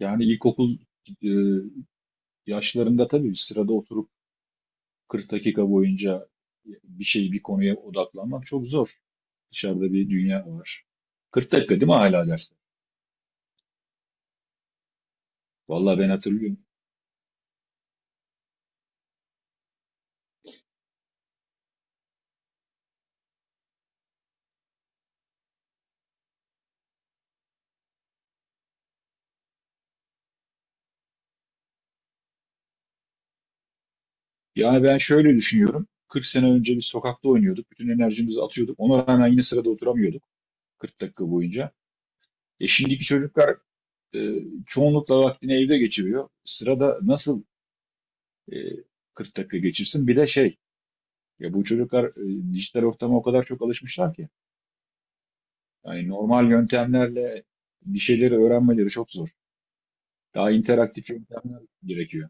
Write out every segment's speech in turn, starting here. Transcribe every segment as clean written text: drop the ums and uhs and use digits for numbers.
Yani ilkokul e, yaşlarında tabii sırada oturup 40 dakika boyunca bir konuya odaklanmak çok zor. Dışarıda bir dünya var. 40 dakika değil mi hala dersler? Vallahi ben hatırlıyorum. Yani ben şöyle düşünüyorum. 40 sene önce biz sokakta oynuyorduk. Bütün enerjimizi atıyorduk. Ona rağmen yine sırada oturamıyorduk 40 dakika boyunca. E şimdiki çocuklar e, çoğunlukla vaktini evde geçiriyor. Sırada nasıl e, 40 dakika geçirsin? Bir de ya bu çocuklar dijital ortama o kadar çok alışmışlar ki. Yani normal yöntemlerle bir şeyleri öğrenmeleri çok zor. Daha interaktif yöntemler gerekiyor.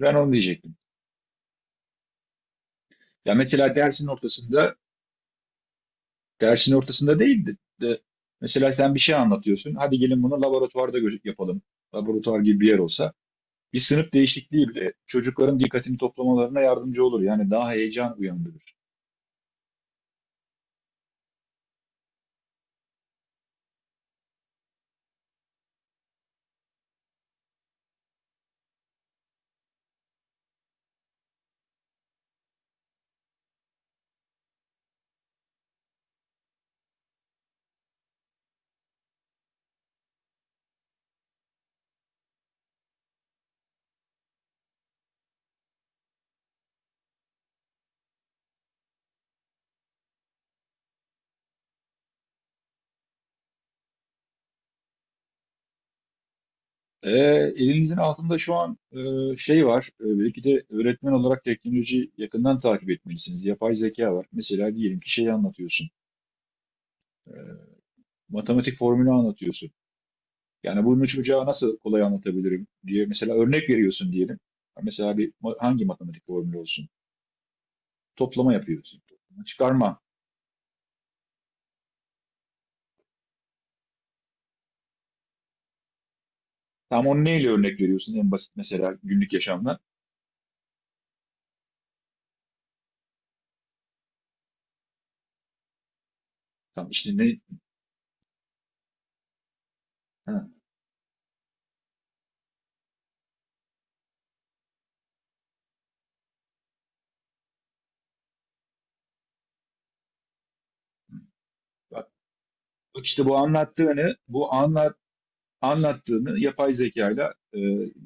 Ben onu diyecektim. Ya mesela dersin ortasında, dersin ortasında değil de, de mesela sen bir şey anlatıyorsun. Hadi gelin bunu laboratuvarda yapalım. Laboratuvar gibi bir yer olsa. Bir sınıf değişikliği bile çocukların dikkatini toplamalarına yardımcı olur. Yani daha heyecan uyandırır. E, Elinizin altında şu an şey var. E, belki de öğretmen olarak teknolojiyi yakından takip etmelisiniz. Yapay zeka var. Mesela diyelim ki şeyi anlatıyorsun. Matematik formülü anlatıyorsun. Yani bunu bucağı nasıl kolay anlatabilirim diye mesela örnek veriyorsun diyelim. Mesela hangi matematik formülü olsun? Toplama yapıyorsun. Toplama, çıkarma. Tam onu neyle örnek veriyorsun en basit mesela günlük yaşamda? Tam işte ne? Ha, bak, bak işte bu anlattığını yapay zekayla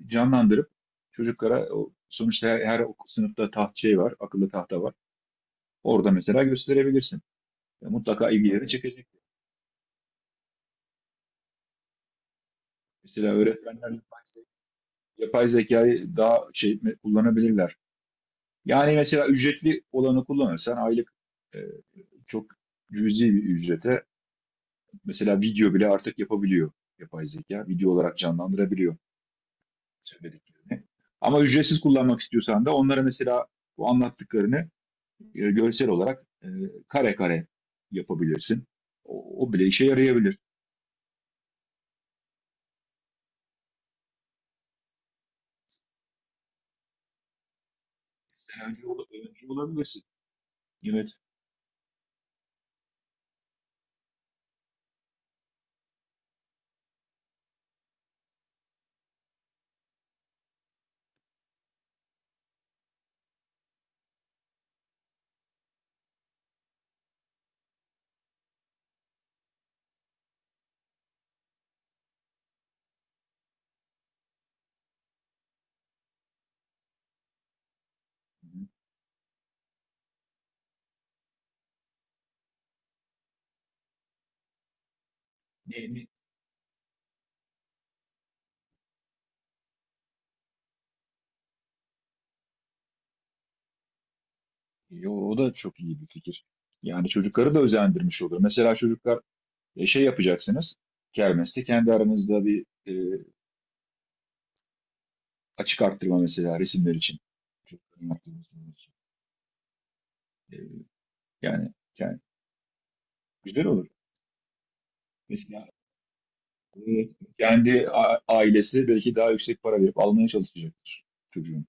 canlandırıp çocuklara o, sonuçta her sınıfta akıllı tahta var. Orada mesela gösterebilirsin. E, mutlaka ilgileri çekecek. Mesela öğretmenler yapay zekayı daha kullanabilirler. Yani mesela ücretli olanı kullanırsan aylık e, çok cüzi bir ücrete mesela video bile artık yapabiliyor yapay zeka. Video olarak canlandırabiliyor söylediklerini. Ama ücretsiz kullanmak istiyorsan da onlara mesela bu anlattıklarını görsel olarak kare kare yapabilirsin. O bile işe yarayabilir. Sen öncü olabilirsin. Evet. Hı hı. Ne, ne Yo, o da çok iyi bir fikir. Yani çocukları da özendirmiş olur. Mesela çocuklar şey yapacaksınız. Kermeste kendi aranızda bir açık arttırma mesela resimler için. Çocukların yaptığı resimler için. E, yani, yani güzel olur. Mesela e, ailesi belki daha yüksek para verip almaya çalışacaktır çocuğun.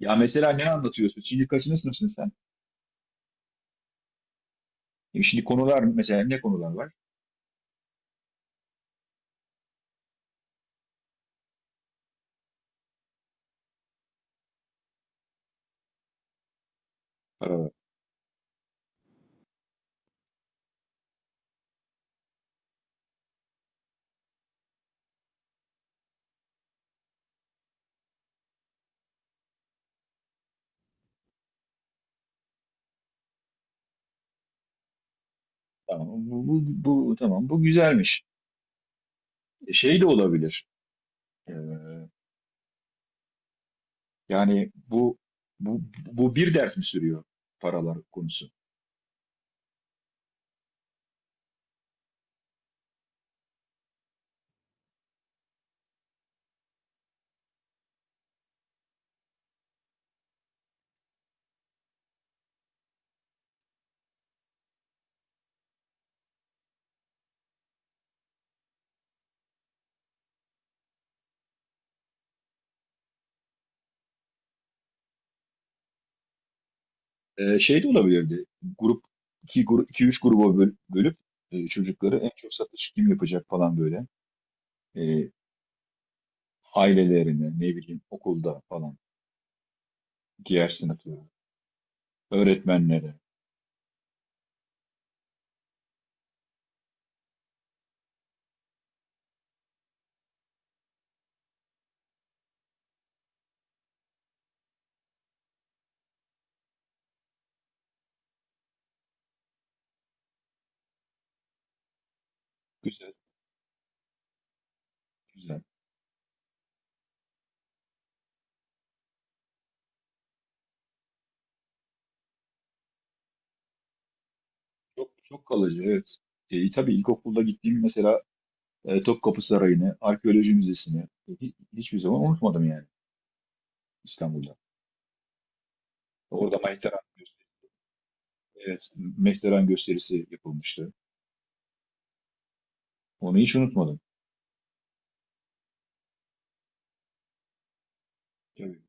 Ya mesela ne anlatıyorsun? Şimdi kaçınız mısın sen? E, şimdi konular mesela ne konular var? Paralar. Bu tamam bu güzelmiş. E, şey de olabilir. E, Yani bu bu, Bu bir dert mi sürüyor paralar konusu? Şey de olabilirdi. Grup iki üç gruba bölüp çocukları en çok satış kim yapacak falan böyle. E, ailelerine, ne bileyim okulda falan, diğer sınıflara, öğretmenlere. Güzel, güzel. Çok çok kalıcı, evet. E, tabii ilkokulda gittiğim mesela Topkapı Sarayı'nı, Arkeoloji Müzesi'ni, hiçbir zaman unutmadım yani İstanbul'da. Orada Maytara evet, McLaren gösterisi yapılmıştı. Onu hiç unutmadım. Tabii.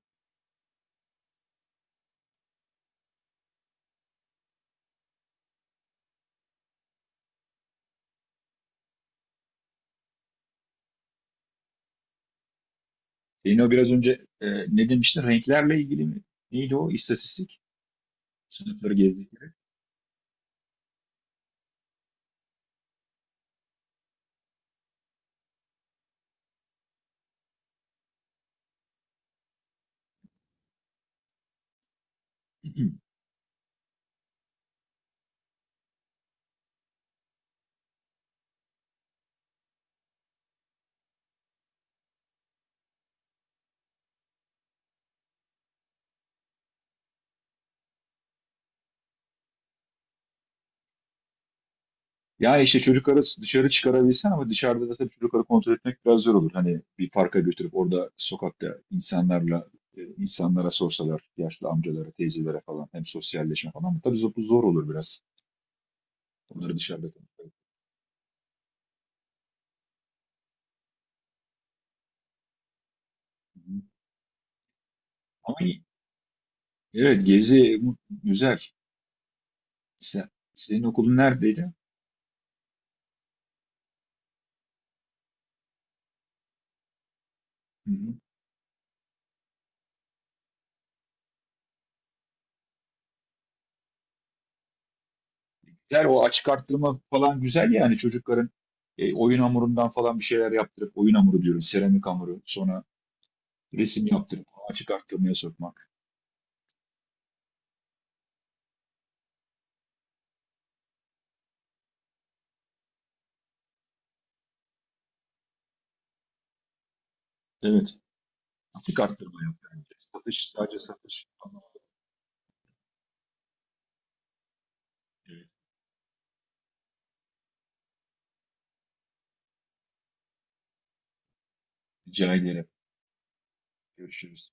Yine o biraz önce ne demiştin? Renklerle ilgili mi? Neydi o? İstatistik. Sınıfları gezdikleri. Yani işte çocukları dışarı çıkarabilsen ama dışarıda da tabii çocukları kontrol etmek biraz zor olur. Hani bir parka götürüp orada sokakta insanlara sorsalar, yaşlı amcalara, teyzelere falan hem sosyalleşme falan ama tabii zor olur biraz onları dışarıda. Hı hı. Ama iyi. Evet, güzel. Senin okulun neredeydi? Hı hı. Güzel, o açık arttırma falan güzel, yani çocukların oyun hamurundan falan bir şeyler yaptırıp, oyun hamuru diyoruz, seramik hamuru sonra resim yaptırıp açık arttırmaya sokmak. Evet. Açık arttırma yap bence. Satış sadece satış. Tamam. Evet. Rica ederim. Görüşürüz.